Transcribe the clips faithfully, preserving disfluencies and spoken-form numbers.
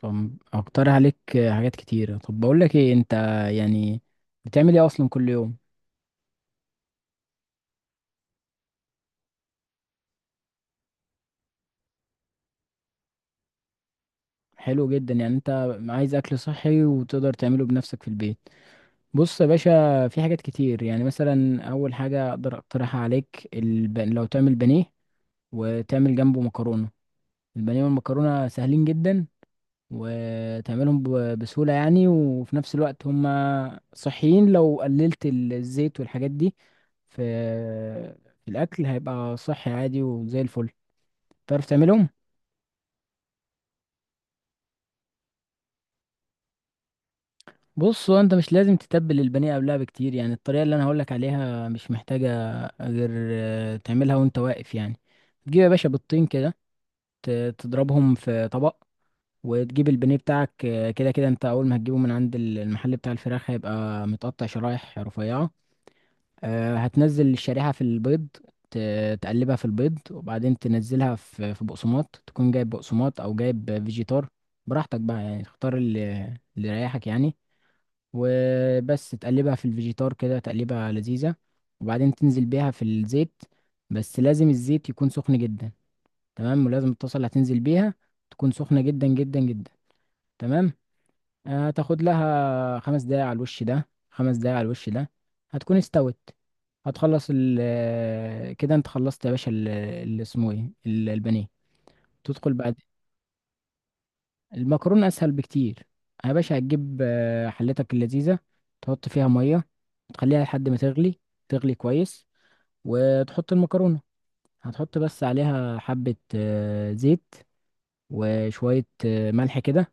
طب اقترح عليك حاجات كتيرة. طب بقول لك ايه؟ انت يعني بتعمل ايه اصلا كل يوم؟ حلو جدا. يعني انت عايز اكل صحي وتقدر تعمله بنفسك في البيت. بص يا باشا، في حاجات كتير. يعني مثلا اول حاجة اقدر اقترحها عليك، الب... لو تعمل بانيه وتعمل جنبه مكرونة. البانيه والمكرونة سهلين جدا وتعملهم ب- بسهولة، يعني وفي نفس الوقت هم صحيين. لو قللت ال- الزيت والحاجات دي في في الأكل هيبقى صحي عادي وزي الفل. تعرف تعملهم؟ بص، هو انت مش لازم تتبل البانيه قبلها بكتير. يعني الطريقة اللي انا هقولك عليها مش محتاجة غير آه، تعملها وانت واقف. يعني تجيب يا باشا بيضتين كده، ت- تضربهم في طبق، وتجيب البانيه بتاعك. آه، كده كده انت اول ما هتجيبه من عند ال- المحل بتاع الفراخ هيبقى متقطع شرايح رفيعة. آه، هتنزل الشريحة في البيض، ت- تقلبها في البيض، وبعدين تنزلها في في بقسماط. تكون جايب بقسماط أو جايب فيجيتار، براحتك بقى. يعني تختار اللي اللي يريحك، يعني. وبس تقلبها في الفيجيتار كده، تقلبها لذيذة. وبعدين تنزل بيها في الزيت، بس لازم الزيت يكون سخن جدا. تمام؟ ولازم الطاسة اللي هتنزل بيها تكون سخنة جدا جدا جدا. تمام؟ آه، تاخد لها خمس دقايق على الوش ده، خمس دقايق على الوش ده، هتكون استوت. هتخلص ال آه، كده انت خلصت يا باشا ال- اللي اسمه ايه، ال- البانيه. تدخل بعد المكرونة، اسهل بكتير يا باشا. هتجيب آه، حلتك اللذيذة، تحط فيها مية، تخليها لحد ما تغلي، تغلي كويس، وتحط المكرونة. هتحط بس عليها حبة آه، زيت وشوية آه، ملح كده،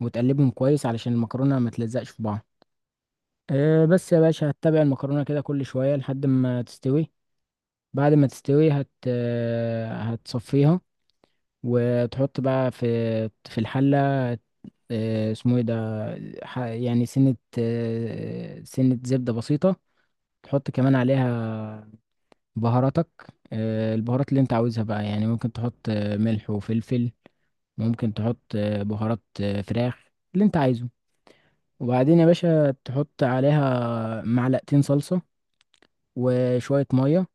وتقلبهم كويس علشان المكرونة ما تلزقش في بعض. آه، بس يا باشا هتتابع المكرونة كده كل شوية لحد ما تستوي. بعد ما تستوي هت آه، هتصفيها، وتحط بقى في في الحلة آه، اسمه ايه ده، ح- يعني سنة آه، سنة زبدة بسيطة. تحط كمان عليها بهاراتك، آه، البهارات اللي انت عاوزها بقى. يعني ممكن تحط آه، ملح وفلفل، ممكن تحط آه، بهارات آه، فراخ، اللي انت عايزه. وبعدين يا باشا تحط عليها معلقتين صلصة وشوية مية،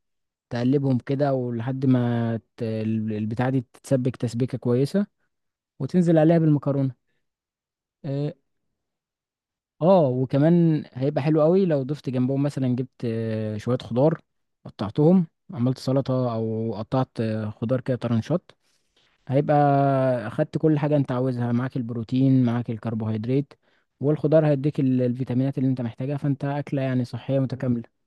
تقلبهم كده ولحد ما ت- ال- البتاعة دي تتسبك تسبيكة كويسة، وتنزل عليها بالمكرونة. اه. آه، وكمان هيبقى حلو قوي لو ضفت جنبهم، مثلا جبت آه، شوية خضار، قطعتهم، عملت سلطة، او قطعت آه، خضار كده طرنشات. هيبقى اخدت كل حاجة انت عاوزها، معاك البروتين، معاك الكربوهيدرات، والخضار هيديك ال- الفيتامينات اللي انت محتاجها. فانت اكلة يعني صحية متكاملة.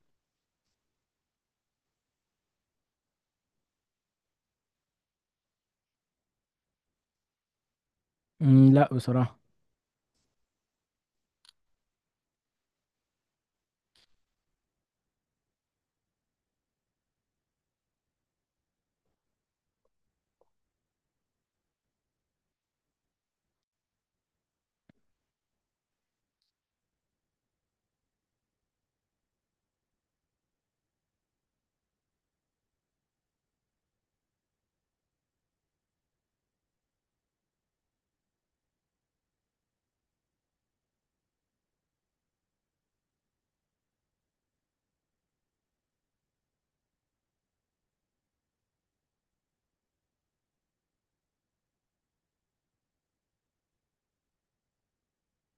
مم، لا بصراحة.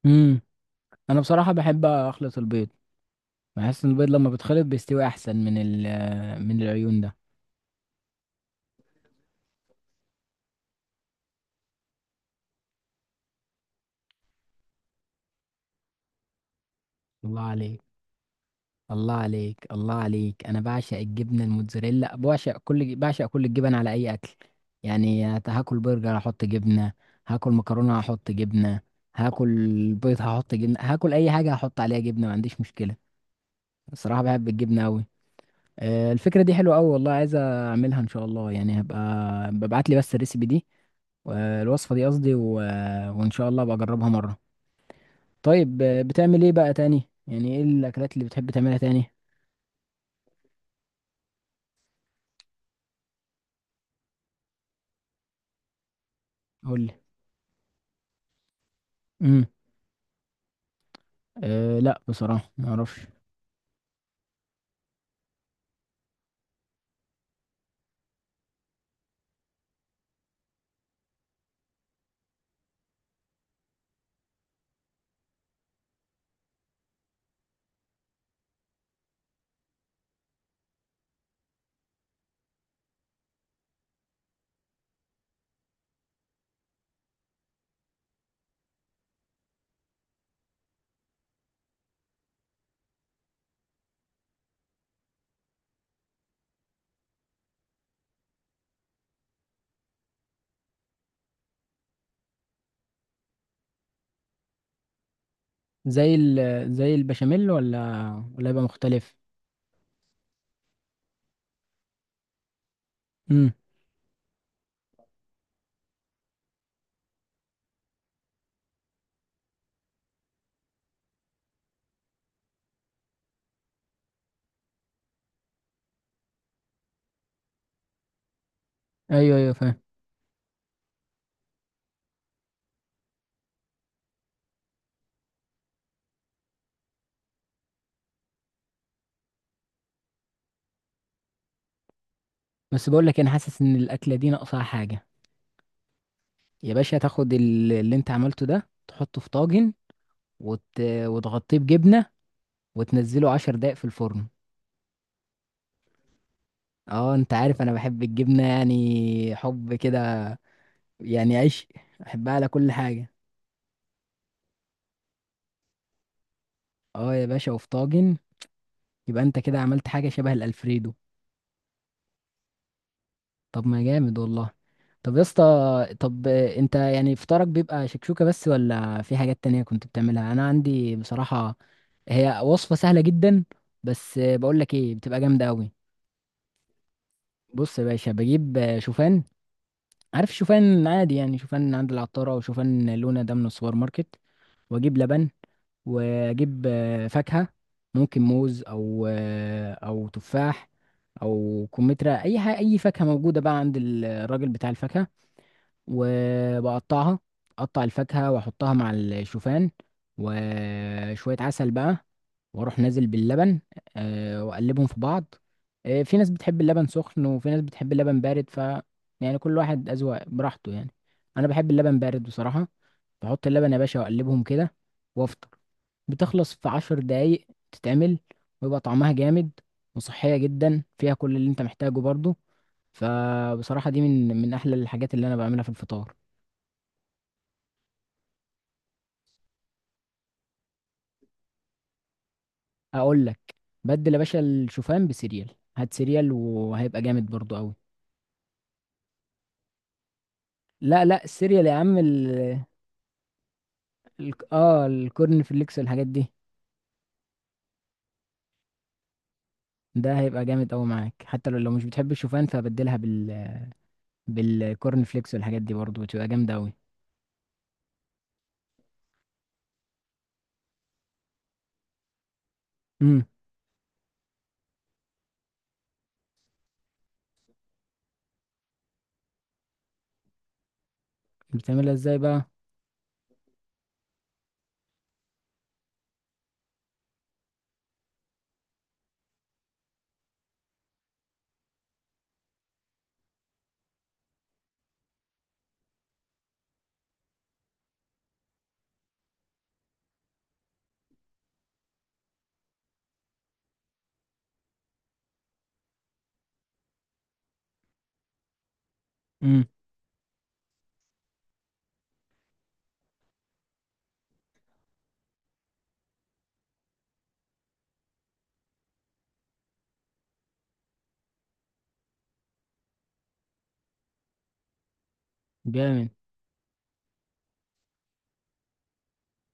مم. انا بصراحة بحب اخلط البيض، بحس ان البيض لما بيتخلط بيستوي احسن من ال من العيون ده. الله عليك. الله عليك، الله عليك. انا بعشق الجبنه الموتزاريلا، بعشق كل بعشق كل الجبن على اي اكل. يعني هت- هاكل برجر هحط جبنه، هاكل مكرونه هحط جبنه، هاكل بيض هحط جبنه، هاكل اي حاجه هحط عليها جبنه، ما عنديش مشكله. الصراحه بحب الجبنه قوي. الفكره دي حلوه قوي والله، عايز اعملها ان شاء الله. يعني هبقى ببعت لي بس الريسيبي دي، آه، الوصفه دي قصدي. و- وان شاء الله بجربها مره. طيب، آه، بتعمل ايه بقى تاني؟ يعني ايه الاكلات اللي بتحب تعملها تاني؟ قول لي. امم أه، لا بصراحه ما اعرفش. زي ال زي البشاميل، ولا ولا يبقى مختلف؟ امم. ايوه، ايوه فاهم. بس بقول لك إيه، انا حاسس ان الاكله دي ناقصها حاجه. يا باشا تاخد ال- اللي انت عملته ده، تحطه في طاجن وت... وتغطيه بجبنه، وتنزله عشر دقايق في الفرن. اه انت عارف انا بحب الجبنه، يعني حب كده، يعني عيش. احبها على كل حاجه. اه يا باشا، وفي طاجن يبقى انت كده عملت حاجة شبه الألفريدو. طب ما جامد والله. طب يا اسطى، طب انت يعني فطارك بيبقى شكشوكة بس، ولا في حاجات تانية كنت بتعملها؟ انا عندي بصراحة هي وصفة سهلة جدا، بس بقول لك ايه، بتبقى جامدة قوي. بص يا باشا، بجيب شوفان. عارف شوفان عادي؟ يعني شوفان عند العطارة او شوفان لونة ده من السوبر ماركت. واجيب لبن، واجيب آه، فاكهة. ممكن موز او آه، او تفاح او كمثرى، اي حاجة، اي فاكهة موجودة بقى عند الراجل بتاع الفاكهة. وبقطعها، اقطع الفاكهة واحطها مع الشوفان، وشوية عسل بقى، واروح نازل باللبن. آه، واقلبهم في بعض. آه، في ناس بتحب اللبن سخن، وفي ناس بتحب اللبن بارد، ف يعني كل واحد أذواق، براحته يعني. انا بحب اللبن بارد بصراحة. بحط اللبن يا باشا واقلبهم كده وافطر. بتخلص في عشر دقايق، تتعمل ويبقى طعمها جامد، وصحية جدا فيها كل اللي انت محتاجه برضو. فبصراحة دي من من أحلى الحاجات اللي أنا بعملها في الفطار. أقول لك، بدل يا باشا الشوفان بسيريال، هات سيريال وهيبقى جامد برضو أوي. لا لا، السيريال يا عم ال، ال اه الكورن فليكس والحاجات دي. ده هيبقى جامد أوي معاك. حتى لو لو مش بتحب الشوفان فبدلها بال بالكورن فليكس والحاجات دي، برضو بتبقى جامدة أوي. امم. بتعملها ازاي بقى؟ امم. جامد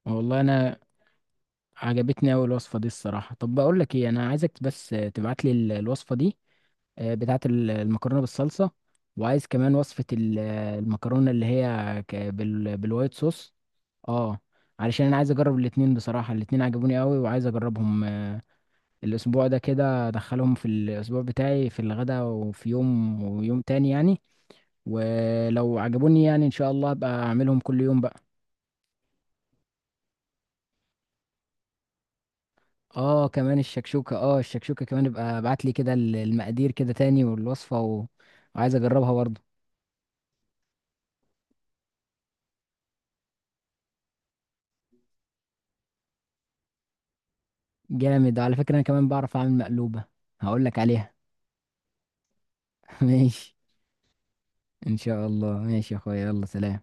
والله. انا عجبتني اوي الوصفه دي الصراحه. طب بقول لك ايه، انا عايزك بس تبعت لي ال- الوصفه دي، آه، بتاعه ال- المكرونه بالصلصه. وعايز كمان وصفه ال- المكرونه اللي هي ك- بال- بالوايت صوص. اه، علشان انا عايز اجرب الاتنين بصراحه. الاتنين عجبوني اوي وعايز اجربهم آه، الاسبوع ده كده، ادخلهم في الاسبوع بتاعي في الغدا، وفي يوم ويوم تاني يعني. ولو عجبوني يعني ان شاء الله ابقى اعملهم كل يوم بقى. اه كمان الشكشوكة، اه الشكشوكة كمان ابقى ابعت لي كده ال- المقادير كده تاني، والوصفة و... وعايز اجربها برضه. جامد. وعلى فكرة انا كمان بعرف اعمل مقلوبة، هقول لك عليها. ماشي. ان شاء الله، ماشي يا اخويا، يلا سلام.